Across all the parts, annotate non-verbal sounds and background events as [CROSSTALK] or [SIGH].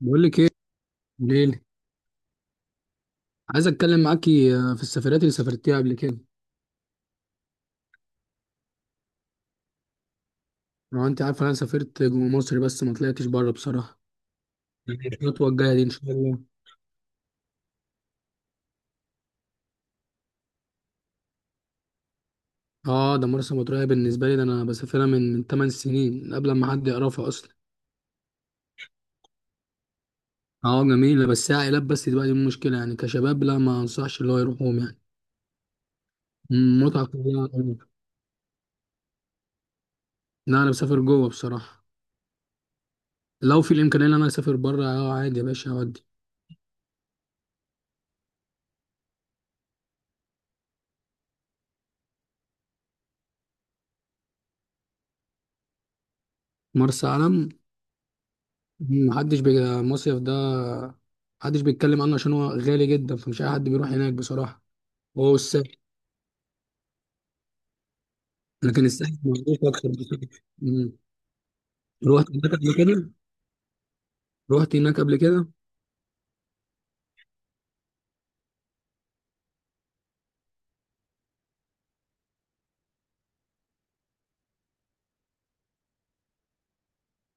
بقول لك ايه، ليلي. عايز اتكلم معاكي في السفرات اللي سافرتيها قبل كده. لو انت عارفه انا سافرت جوه مصر بس ما طلعتش بره بصراحه. يعني الخطوه الجايه دي ان شاء الله. اه، ده مرسى مطروح بالنسبه لي، ده انا بسافرها من 8 سنين قبل ما حد يعرفها اصلا. اه جميله بس هي عائلات بس دلوقتي، دي المشكله، يعني كشباب لا ما انصحش اللي هو يروحهم يعني. متعه كلها. لا انا بسافر جوه بصراحه. لو في الامكانيه ان انا اسافر بره اه عادي يا باشا اودي. مرسى علم المصيف ده محدش بيتكلم عنه عشان هو غالي جدا فمش اي حد بيروح هناك بصراحه. هو الساحل، لكن الساحل مظبوط اكتر بصراحه. مم. روحت هناك قبل كده. روحت هناك قبل كده.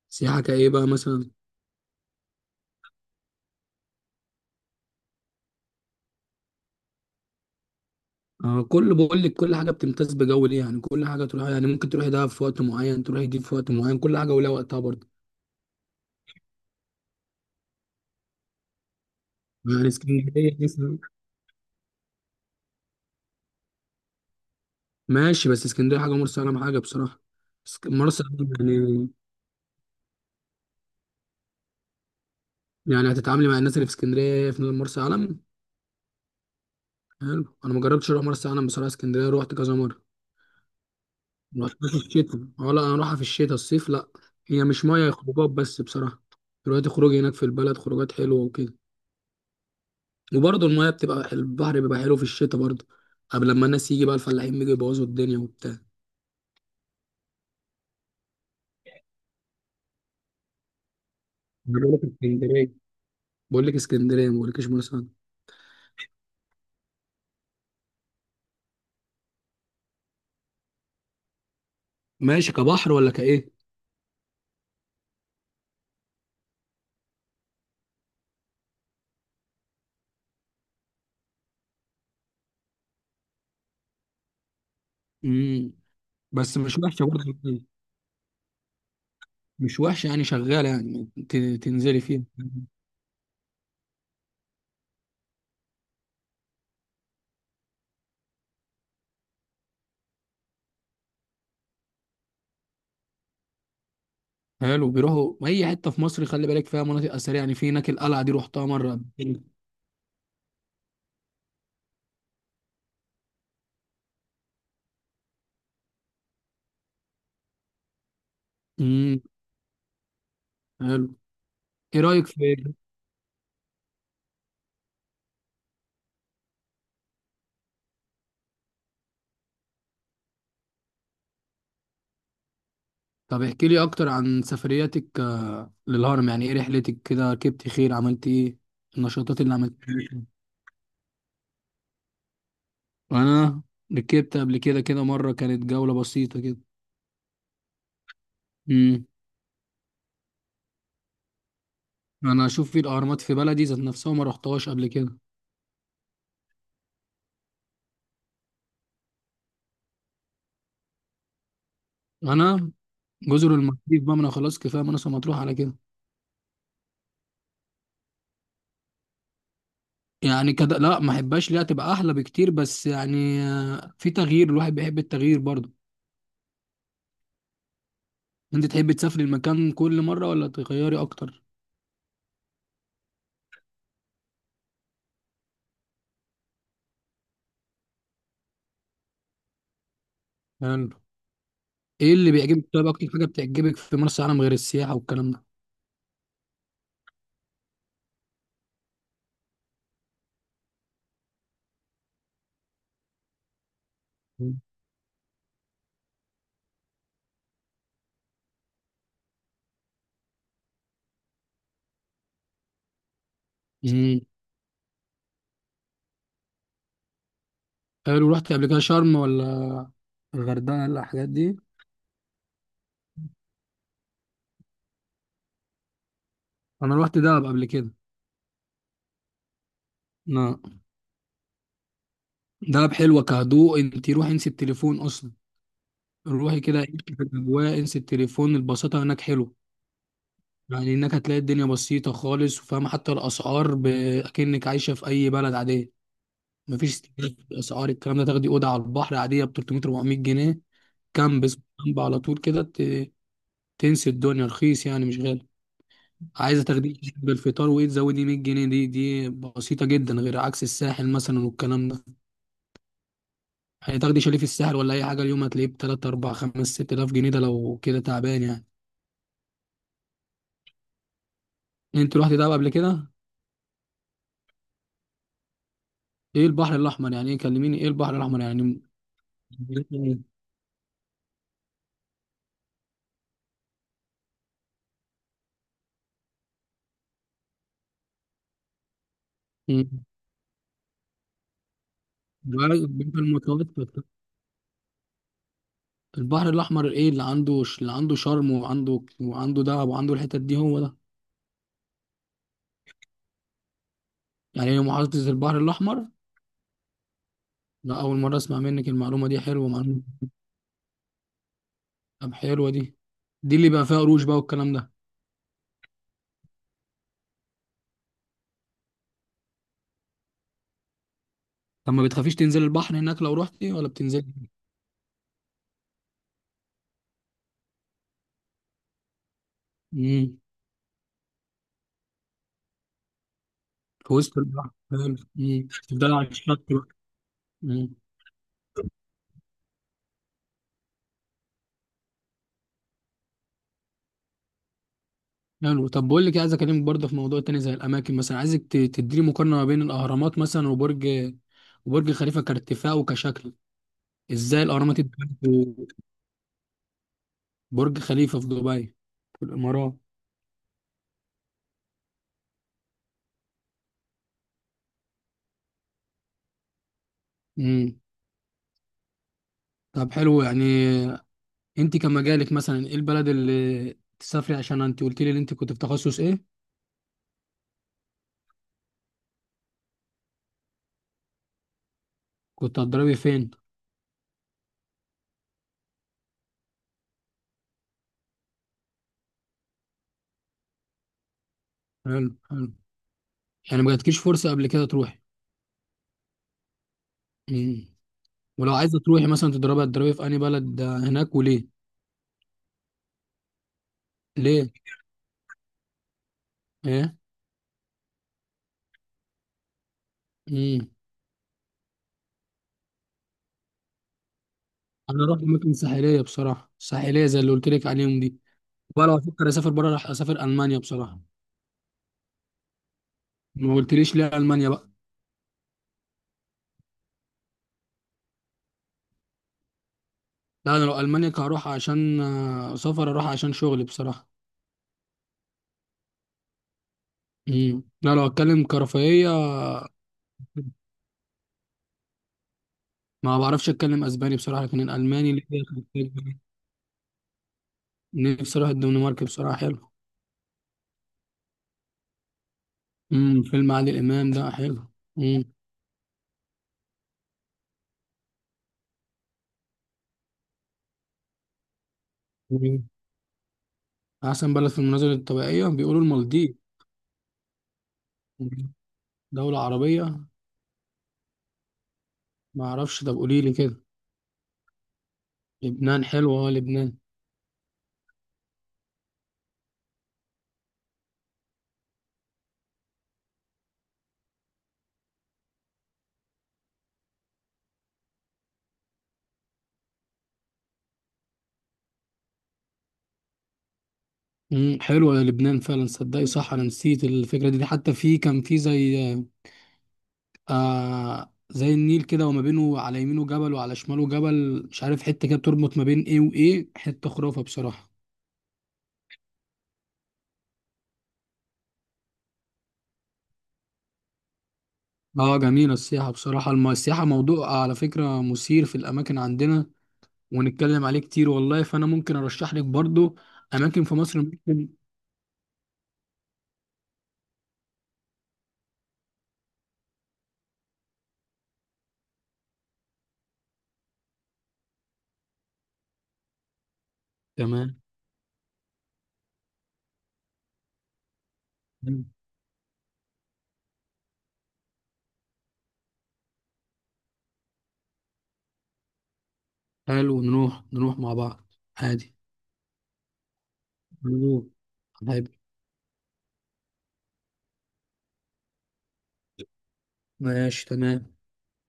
سياحه كايه بقى مثلا. آه كل بقول لك كل حاجه بتمتاز بجو ليه، يعني كل حاجه تروحها، يعني ممكن تروحي دهب في وقت معين، تروحي دي في وقت معين، كل حاجه ولها وقتها برضه. يعني اسكندريه مثلا. ماشي بس اسكندريه حاجه ومرسى علم حاجه بصراحه. مرسى علم يعني. يعني هتتعاملي مع الناس اللي في اسكندريه في مرسى علم. حلو. انا ما جربتش اروح مرسى علم بصراحه، اسكندريه رحت كذا مره. ما رحتش في الشتاء، اه لا انا اروحها في الشتاء، الصيف لا. هي مش ميه، هي خروجات بس بصراحه. دلوقتي خروج هناك في البلد، خروجات حلوه وكده. وبرضه الميه بتبقى البحر بيبقى حلو في الشتاء برضه. قبل لما الناس يجي بقى الفلاحين بيجوا يبوظوا الدنيا وبتاع. أنا بقول لك اسكندريه، بقول لك اسكندريه ما بقولكش مرسى علم. ماشي كبحر ولا كايه. امم. بس مش وحشه برضه. مش وحشه يعني، شغاله يعني تنزلي فيها. حلو. بيروحوا اي حته في مصر خلي بالك، فيها مناطق اثريه، يعني في هناك القلعه دي روحتها مره قبل كده. امم. حلو. ايه رايك في؟ طب احكي لي اكتر عن سفرياتك للهرم، يعني ايه رحلتك كده، ركبت خيل، عملت ايه، النشاطات اللي عملتها. انا ركبت قبل كده مره كانت جوله بسيطه كده. امم. انا اشوف في الاهرامات في بلدي ذات نفسها ما رحتهاش قبل كده. انا. جزر المالديف بقى، ما انا خلاص كفايه مناصة مطروح على كده. يعني كده لا ما احبهاش، ليها تبقى احلى بكتير، بس يعني في تغيير الواحد بيحب التغيير برضه. انت تحب تسافري المكان كل مره ولا تغيري اكتر؟ يعني ايه اللي بيعجبك؟ طيب اكتر حاجه بتعجبك في مرسى علم غير السياحه والكلام ده؟ امم. حلو. رحت قبل كده شرم ولا الغردقه ولا الحاجات دي؟ انا رحت دهب قبل كده. لا. دهب حلوه كهدوء، انت روحي انسي التليفون اصلا. روحي كده عيشي في الاجواء، انسي التليفون، البساطه هناك حلوه. يعني انك هتلاقي الدنيا بسيطة خالص، وفاهمة حتى الاسعار اكنك عايشة في اي بلد عادية. مفيش استهلاك في الاسعار الكلام ده. تاخدي اوضة على البحر عادية ب 300 400 جنيه. كامب اسمه كامب على طول كده تنسي الدنيا. رخيص يعني، مش غالي. عايزة تاخديه بالفطار وايه تزودي 100 جنيه، دي بسيطة جدا غير عكس الساحل مثلا والكلام ده. هتاخدي شاليه في الساحل ولا اي حاجة اليوم هتلاقيه ب 3 4 5 6,000 جنيه، ده لو كده تعبان يعني. انت رحتي دهب قبل كده؟ ايه البحر الاحمر يعني؟ ايه كلميني، ايه البحر الاحمر يعني؟ [LAUGHS] مم. بعد المتوسط. البحر الاحمر ايه اللي عنده؟ اللي عنده شرم وعنده وعنده دهب وعنده الحتت دي، هو ده. يعني هي محافظه البحر الاحمر. لا اول مره اسمع منك المعلومه دي، حلوه معلومه. طب حلوه دي. دي اللي بقى فيها قروش بقى والكلام ده. طب ما بتخافيش تنزل البحر هناك لو رحتي ولا بتنزلي؟ امم. في وسط البحر، حلو. امم. تفضلي على الشط بقى. امم. حلو. طب بقول لك عايز اكلمك برضه في موضوع تاني زي الاماكن مثلا، عايزك تديني مقارنه ما بين الاهرامات مثلا وبرج، خليفه كارتفاع وكشكل. ازاي الاهرامات اتبنت في. برج خليفه في دبي، في الامارات. امم. طب حلو يعني، انت كمجالك مثلا ايه البلد اللي تسافري؟ عشان انت قلت لي ان انت كنت في تخصص ايه. كنت هتضربي فين؟ حلو حلو. يعني ما جاتكيش فرصه قبل كده تروحي. امم. ولو عايزه تروحي مثلا تضربي، هتضربي في انهي بلد هناك وليه؟ ليه؟ ايه؟ امم. انا رحت اماكن ساحليه بصراحه، ساحليه زي اللي قلت لك عليهم دي. بقى لو افكر اسافر بره راح اسافر المانيا بصراحه. ما قلتليش ليه المانيا بقى. لا انا لو المانيا كهروح عشان سفر، اروح عشان شغلي بصراحه. امم. لا لو اتكلم كرفاهيه. ما بعرفش اتكلم اسباني بصراحه لكن الالماني اللي هي خلفية. نفسي اروح الدنمارك بصراحه، حلو. امم. فيلم عادل امام ده حلو. امم. مم. احسن بلد في المناظر الطبيعيه بيقولوا المالديف. مم. دوله عربيه. ما اعرفش، طب قولي لي كده. لبنان حلوه، اه لبنان. امم. حلوه يا لبنان فعلا صدقي صح، انا نسيت الفكره دي. حتى في كان في زي زي النيل كده، وما بينه على يمينه جبل وعلى شماله جبل، مش عارف حتة كده بتربط ما بين ايه وايه، حتة خرافة بصراحة. اه جميلة السياحة بصراحة. السياحة موضوع على فكرة مثير في الأماكن عندنا، ونتكلم عليه كتير والله. فأنا ممكن أرشح لك برضو أماكن في مصر ممكن. تمام. حلو، نروح نروح مع بعض عادي. نروح. حلو، ماشي تمام.